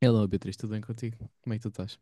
Hello, Beatriz, tudo bem contigo? Como é que tu estás?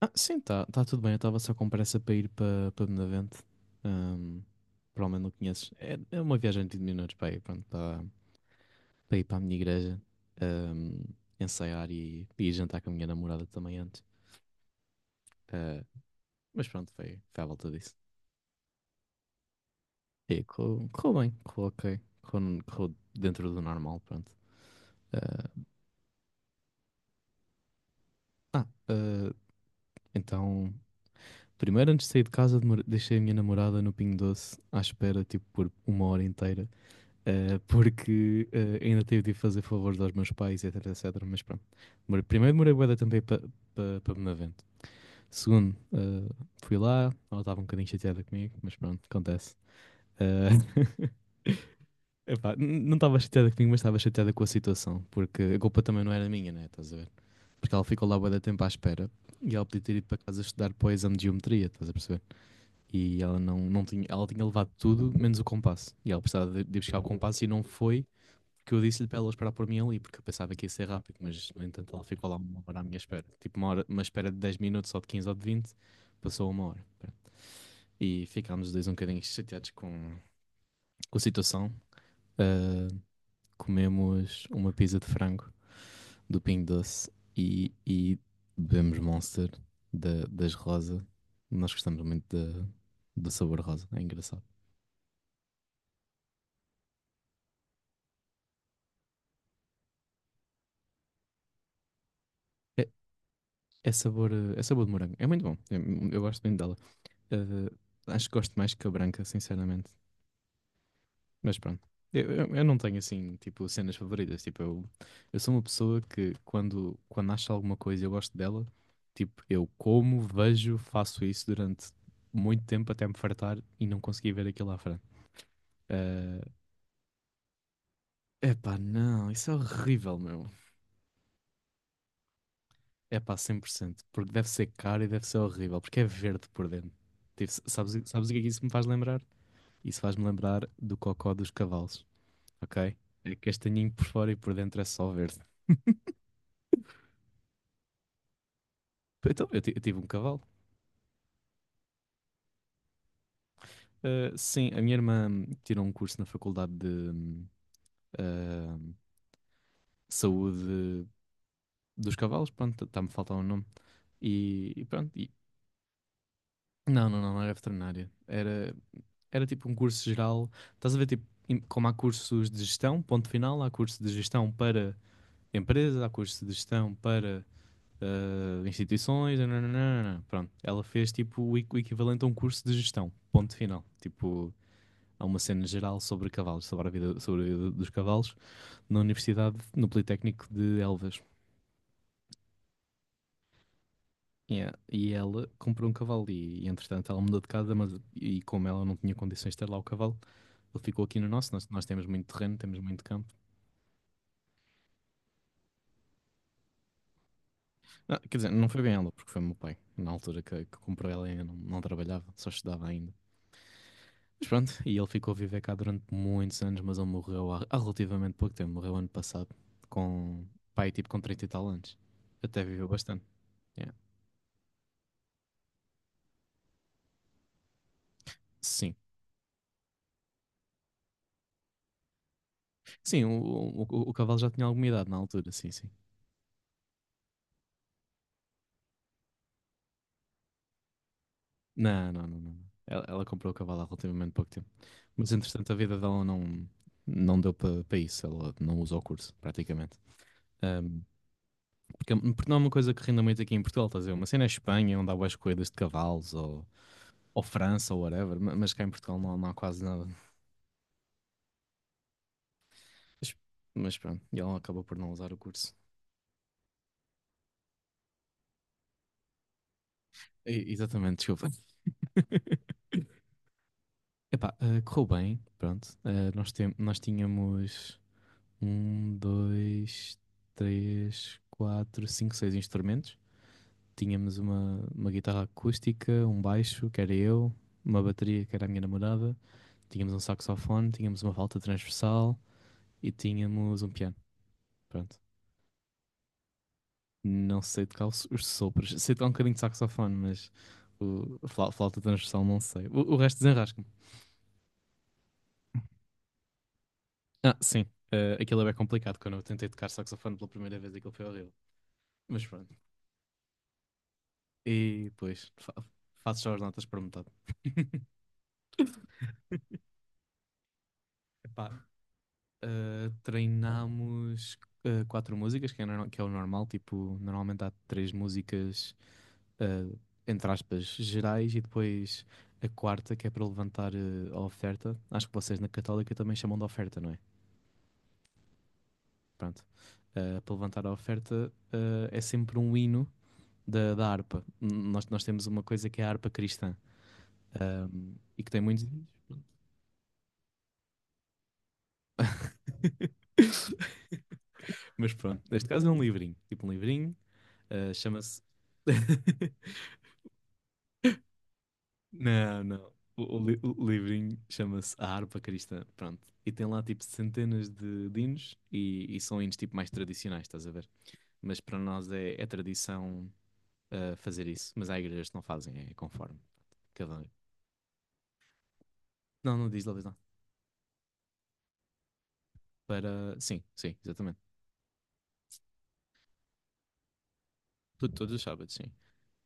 Ah, sim, tá tudo bem. Eu estava só com pressa para ir para Benavente. Ahm, Provavelmente não conheces. É uma viagem de 20 minutos para ir, pronto, para ir para a minha igreja, ahm, ensaiar e ir jantar com a minha namorada também antes. Ah, mas pronto, foi à volta disso. E correu bem, correu ok, correu dentro do normal, pronto. Ah, ah, ah, então, primeiro, antes de sair de casa, deixei a minha namorada no Pingo Doce à espera, tipo, por uma hora inteira, porque ainda tive de ir fazer favores aos meus pais, etc, etc. Mas pronto. Primeiro, demorei bué também para me avento. Segundo, fui lá, ela estava um bocadinho chateada comigo, mas pronto, acontece. Eh, Epá, não estava chateada comigo, mas estava chateada com a situação, porque a culpa também não era minha, né? Estás a ver? Porque ela ficou lá bué da tempo à espera e ela podia ter ido para casa estudar para o exame de geometria, estás a perceber? E ela não tinha, ela tinha levado tudo menos o compasso. E ela precisava de buscar o compasso e não foi, que eu disse-lhe para ela esperar por mim ali, porque eu pensava que ia ser rápido, mas no entanto ela ficou lá uma hora à minha espera. Tipo uma hora, uma espera de 10 minutos ou de 15 ou de 20, passou uma hora. E ficámos os dois um bocadinho chateados com a situação. Ah, comemos uma pizza de frango do Pingo Doce e bebemos Monster das Rosa. Nós gostamos muito do sabor rosa, é engraçado. É, é sabor de morango. É muito bom. Eu gosto muito dela. Eh, Acho que gosto mais que a branca, sinceramente. Mas pronto. Eu não tenho assim, tipo, cenas favoritas. Tipo, eu sou uma pessoa que quando acho alguma coisa e eu gosto dela, tipo, eu como, vejo, faço isso durante muito tempo até me fartar e não conseguir ver aquilo à frente. Epá, não, isso é horrível, meu. Epá, 100%. Porque deve ser caro e deve ser horrível, porque é verde por dentro. Tipo, sabes o que é que isso me faz lembrar? Isso faz-me lembrar do cocó dos cavalos, ok? É castanhinho por fora e por dentro é só verde. Então, eu tive um cavalo. Ah, sim, a minha irmã tirou um curso na faculdade de ah, saúde dos cavalos, pronto, está-me a faltar o nome. E pronto, não, não, não, não era veterinária. Era tipo um curso geral. Estás a ver, tipo, como há cursos de gestão, ponto final, há curso de gestão para empresas. Há curso de gestão para instituições, nananana. Pronto. Ela fez tipo o equivalente a um curso de gestão, ponto final. Tipo, há uma cena geral sobre cavalos, sobre a vida dos cavalos, na universidade, no Politécnico de Elvas. Yeah. E ela comprou um cavalo e, entretanto ela mudou de casa, mas e como ela não tinha condições de ter lá o cavalo, ele ficou aqui no nosso. Nós temos muito terreno, temos muito campo. Ah, quer dizer, não foi bem ela, porque foi o meu pai. Na altura que comprou ela, ainda não trabalhava, só estudava ainda. Mas pronto, e ele ficou a viver cá durante muitos anos, mas ele morreu há relativamente pouco tempo, morreu ano passado, com pai tipo com 30 e tal anos. Até viveu bastante. Yeah. Sim. Sim, o cavalo já tinha alguma idade na altura, sim, sim. Não, não, não, não. Ela comprou o cavalo há relativamente pouco tempo. Mas entretanto a vida dela não deu para isso, ela não usou o curso, praticamente. Ahm, porque não é uma coisa que renda muito aqui em Portugal, estás a ver? Uma cena é Espanha, onde há boas corridas de cavalos, ou França, ou whatever, mas cá em Portugal não há quase nada. Mas, mas pronto, e ela acabou por não usar o curso. Exatamente, desculpa. Epá, correu bem, pronto. Ah, nós tínhamos um, dois, três, quatro, cinco, seis instrumentos. Tínhamos uma guitarra acústica, um baixo, que era eu, uma bateria, que era a minha namorada. Tínhamos um saxofone, tínhamos uma flauta transversal e tínhamos um piano. Pronto. Não sei tocar os sopros. Sei tocar um bocadinho de saxofone, mas a flauta transversal não sei. O resto desenrasco. Ah, sim. Aquilo é bem complicado. Quando eu tentei tocar saxofone pela primeira vez, aquilo foi horrível. Mas pronto. E depois, fa faço só as notas por metade. Epá, treinámos quatro músicas, que é, que é o normal. Tipo, normalmente há três músicas, eh, entre aspas, gerais, e depois a quarta, que é para levantar a oferta. Acho que vocês na Católica também chamam de oferta, não é? Pronto. Para levantar a oferta, é sempre um hino da harpa. Nós temos uma coisa que é a harpa cristã, e que tem muitos livros. Pronto. Mas pronto, neste caso é um livrinho. Tipo um livrinho, chama-se. Não, não. O livrinho chama-se A Harpa Cristã. Pronto. E tem lá tipo centenas de hinos e são hinos tipo mais tradicionais, estás a ver? Mas para nós é tradição, fazer isso. Mas há igrejas que não fazem, é conforme. Cada um. Não, não, diz lá, diz lá. Para. Sim, sim, exatamente. Tudo, todos os sábados, sim.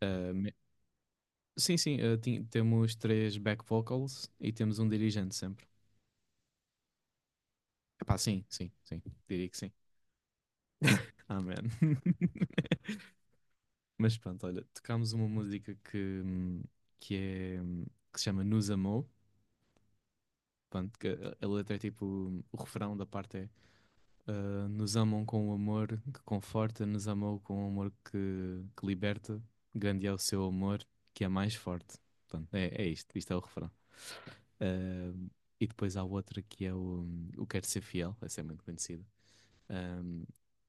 Ah, sim, sim, temos três back vocals e temos um dirigente sempre. Epá, sim, sim, sim, diria que sim. Amém. Mas pronto, olha, tocámos uma música que é que se chama Nos Amou. Pronto, que a letra é tipo, o refrão da parte é, Nos amam com o amor que conforta, nos amou com o amor que liberta, grande é o seu amor que é mais forte. Pronto, é isto, isto é o refrão. Ahm, e depois há outra que é o Quero Ser Fiel, essa é muito conhecida. ahm,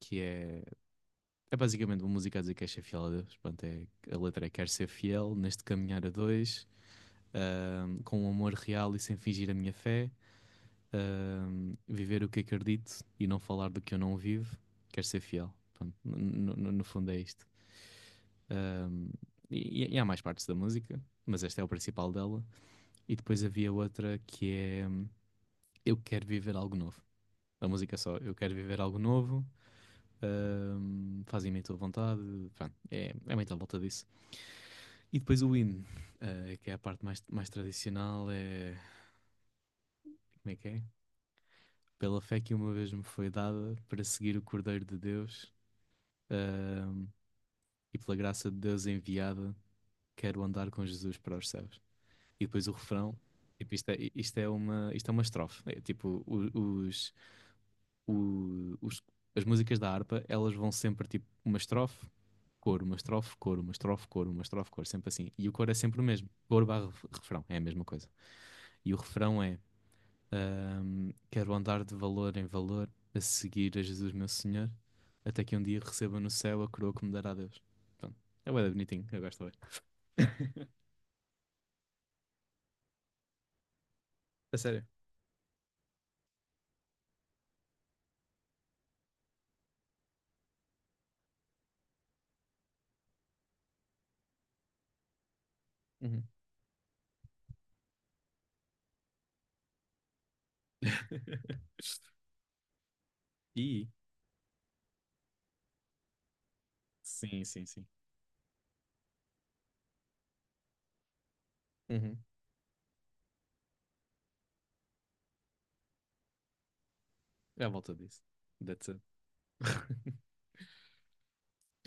que é, é basicamente uma música a dizer que és ser fiel a Deus. Pronto, a letra é Quero ser fiel neste caminhar a dois, com um amor real e sem fingir a minha fé, viver o que acredito e não falar do que eu não vivo. Quero ser fiel. Pronto, no fundo é isto. Ahm, e há mais partes da música, mas esta é o principal dela. E depois havia outra que é Eu Quero Viver Algo Novo. A música é só, eu quero viver algo novo, fazem-me a tua vontade, pronto, é muito à volta disso. E depois o hino, que é a parte mais tradicional, é. Como é que é? Pela fé que uma vez me foi dada para seguir o Cordeiro de Deus, ahm, e pela graça de Deus enviada, quero andar com Jesus para os céus. E depois o refrão, tipo, isto é uma estrofe, é, tipo, o- os- as músicas da harpa, elas vão sempre tipo uma estrofe, coro, uma estrofe, coro, uma estrofe, coro, uma estrofe, coro, sempre assim. E o coro é sempre o mesmo. Coro barra refrão, é a mesma coisa. E o refrão é: Quero andar de valor em valor, a seguir a Jesus meu Senhor, até que um dia receba no céu a coroa que me dará Deus. Pronto. É bué da bonitinho, eu gosto bué. A sério. Uhum. E sim, sim, sim. Uhum. É a volta disso. That's it.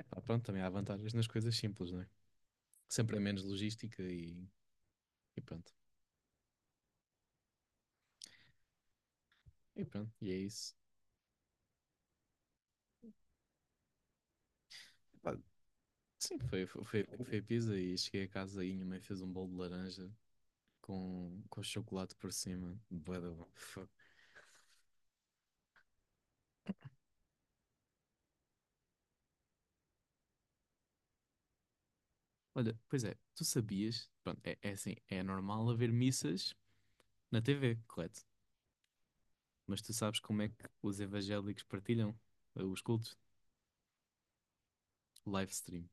Pá, pronto, também há vantagens nas coisas simples, não é? Sempre é menos logística e pronto. E pronto, e é isso. Pá, sim, foi a pizza e cheguei a casa e minha mãe fez um bolo de laranja com chocolate por cima. Bué da bom. Fuck. Olha, pois é, tu sabias, pronto, é assim, é normal haver missas na TV, correto? Mas tu sabes como é que os evangélicos partilham os cultos? Live stream.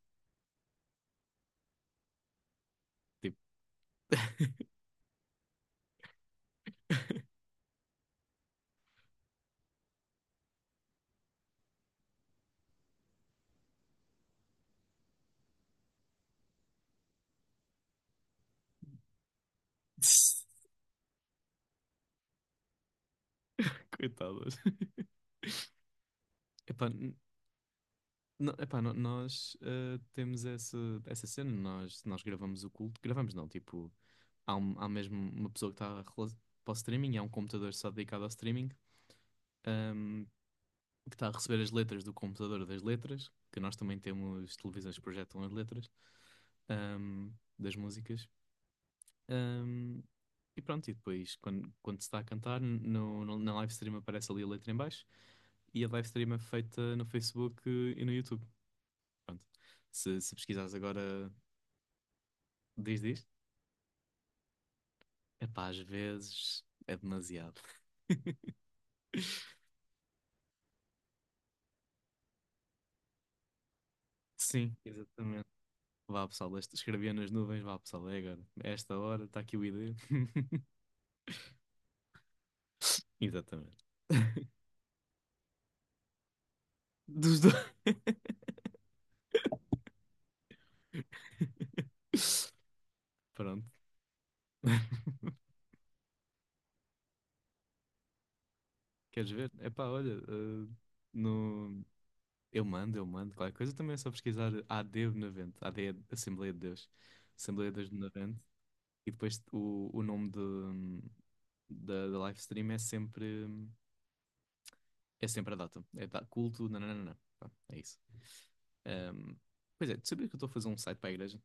Tipo, coitadas. Epá, não, epá, nós temos essa, essa cena, nós gravamos o culto, gravamos não, tipo, há mesmo uma pessoa que está para o streaming, há um computador só dedicado ao streaming, ahm, que está a receber as letras do computador das letras, que nós também temos televisões que projetam as letras, ahm, das músicas. Ahm, e pronto, e depois quando se está a cantar, na live stream aparece ali a letra em baixo e a live stream é feita no Facebook e no YouTube. Pronto. Se pesquisares agora, diz, diz. Epá, às vezes é demasiado. Sim, exatamente. Vá pessoal, escrevia nas nuvens, vá pessoal, é agora. A Esta hora está aqui o ID. Exatamente. Dos dois. Pronto. Queres ver? Epá, olha, no... eu mando, qualquer coisa também é só pesquisar a AD 90, AD, Assembleia de Deus. Assembleia de Deus de 90. E depois o nome da live stream é sempre a data. Culto, nananana. Pá, é isso. Ahm, Pois é, tu sabias que eu estou a fazer um site para a igreja?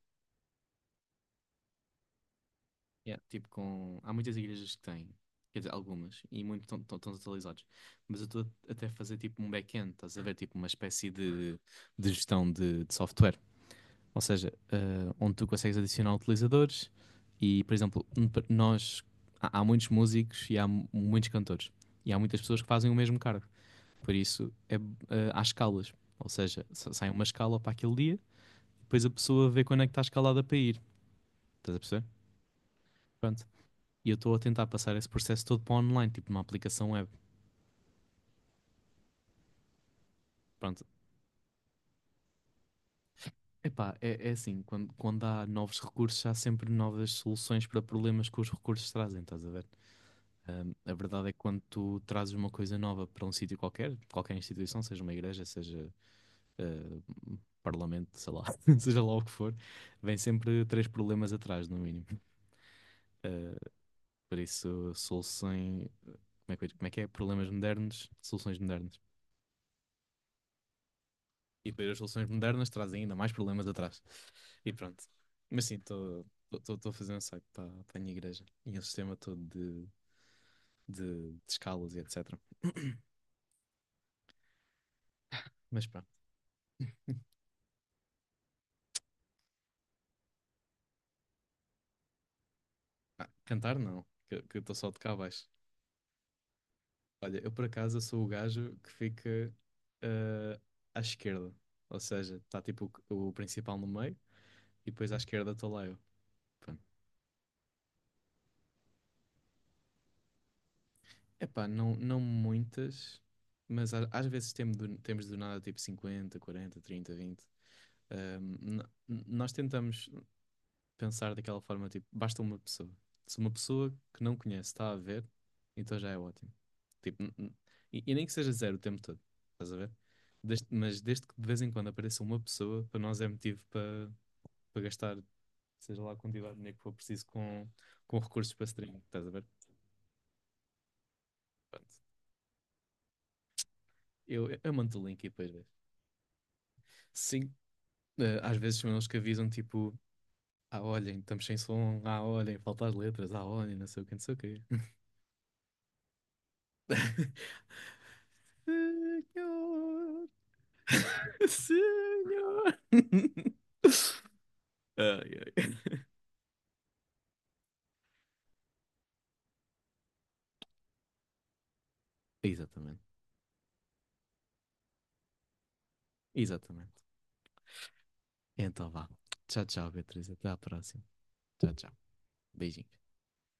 Yeah. Tipo, há muitas igrejas que têm, quer dizer, algumas, e muitos estão atualizados. Mas eu estou até a fazer tipo um back-end, estás a ver? Tipo uma espécie de gestão de software. Ou seja, onde tu consegues adicionar utilizadores e, por exemplo, nós há muitos músicos e há muitos cantores e há muitas pessoas que fazem o mesmo cargo. Por isso é, há escalas. Ou seja, sai uma escala para aquele dia, depois a pessoa vê quando é que está escalada para ir. Estás a perceber? Pronto. E eu estou a tentar passar esse processo todo para online, tipo numa aplicação web. Pronto. Epá, é assim, quando há novos recursos, há sempre novas soluções para problemas que os recursos trazem, estás a ver? A verdade é que quando tu trazes uma coisa nova para um sítio qualquer, qualquer instituição, seja uma igreja, seja ah, um parlamento, sei lá, seja lá o que for, vem sempre três problemas atrás, no mínimo. Ah, por isso, soluções. Como é que é? Problemas modernos, soluções modernas. E depois as soluções modernas trazem ainda mais problemas atrás. E pronto. Mas sim, estou a fazer um site para a minha igreja e um sistema todo de escalas e etc. Mas pronto. Ah, cantar não, que eu estou só de cá abaixo. Olha, eu por acaso sou o gajo que fica eh, à esquerda. Ou seja, está tipo o principal no meio e depois à esquerda estou lá eu. Pronto. Epá, não, não muitas, mas às vezes temos do nada tipo 50, 40, 30, 20. Nós tentamos pensar daquela forma, tipo, basta uma pessoa. Se uma pessoa que não conhece está a ver, então já é ótimo. Tipo, e nem que seja 0 o tempo todo, estás a ver? Mas desde que de vez em quando apareça uma pessoa, para nós é motivo para gastar, seja lá a quantidade de dinheiro que for preciso com recursos para streaming, estás a ver? Pronto. Eu mando o link e depois vês. Sim, às vezes são eles que avisam, tipo, ah, olhem, estamos sem som, ah, olhem, faltam as letras, ah, olhem, não sei o que, não sei o quê. Senhor. Ai, ai. Exatamente. Exatamente. Então vá. Tchau, tchau, Beatriz. Até à próxima. Tchau, tchau. Beijinhos.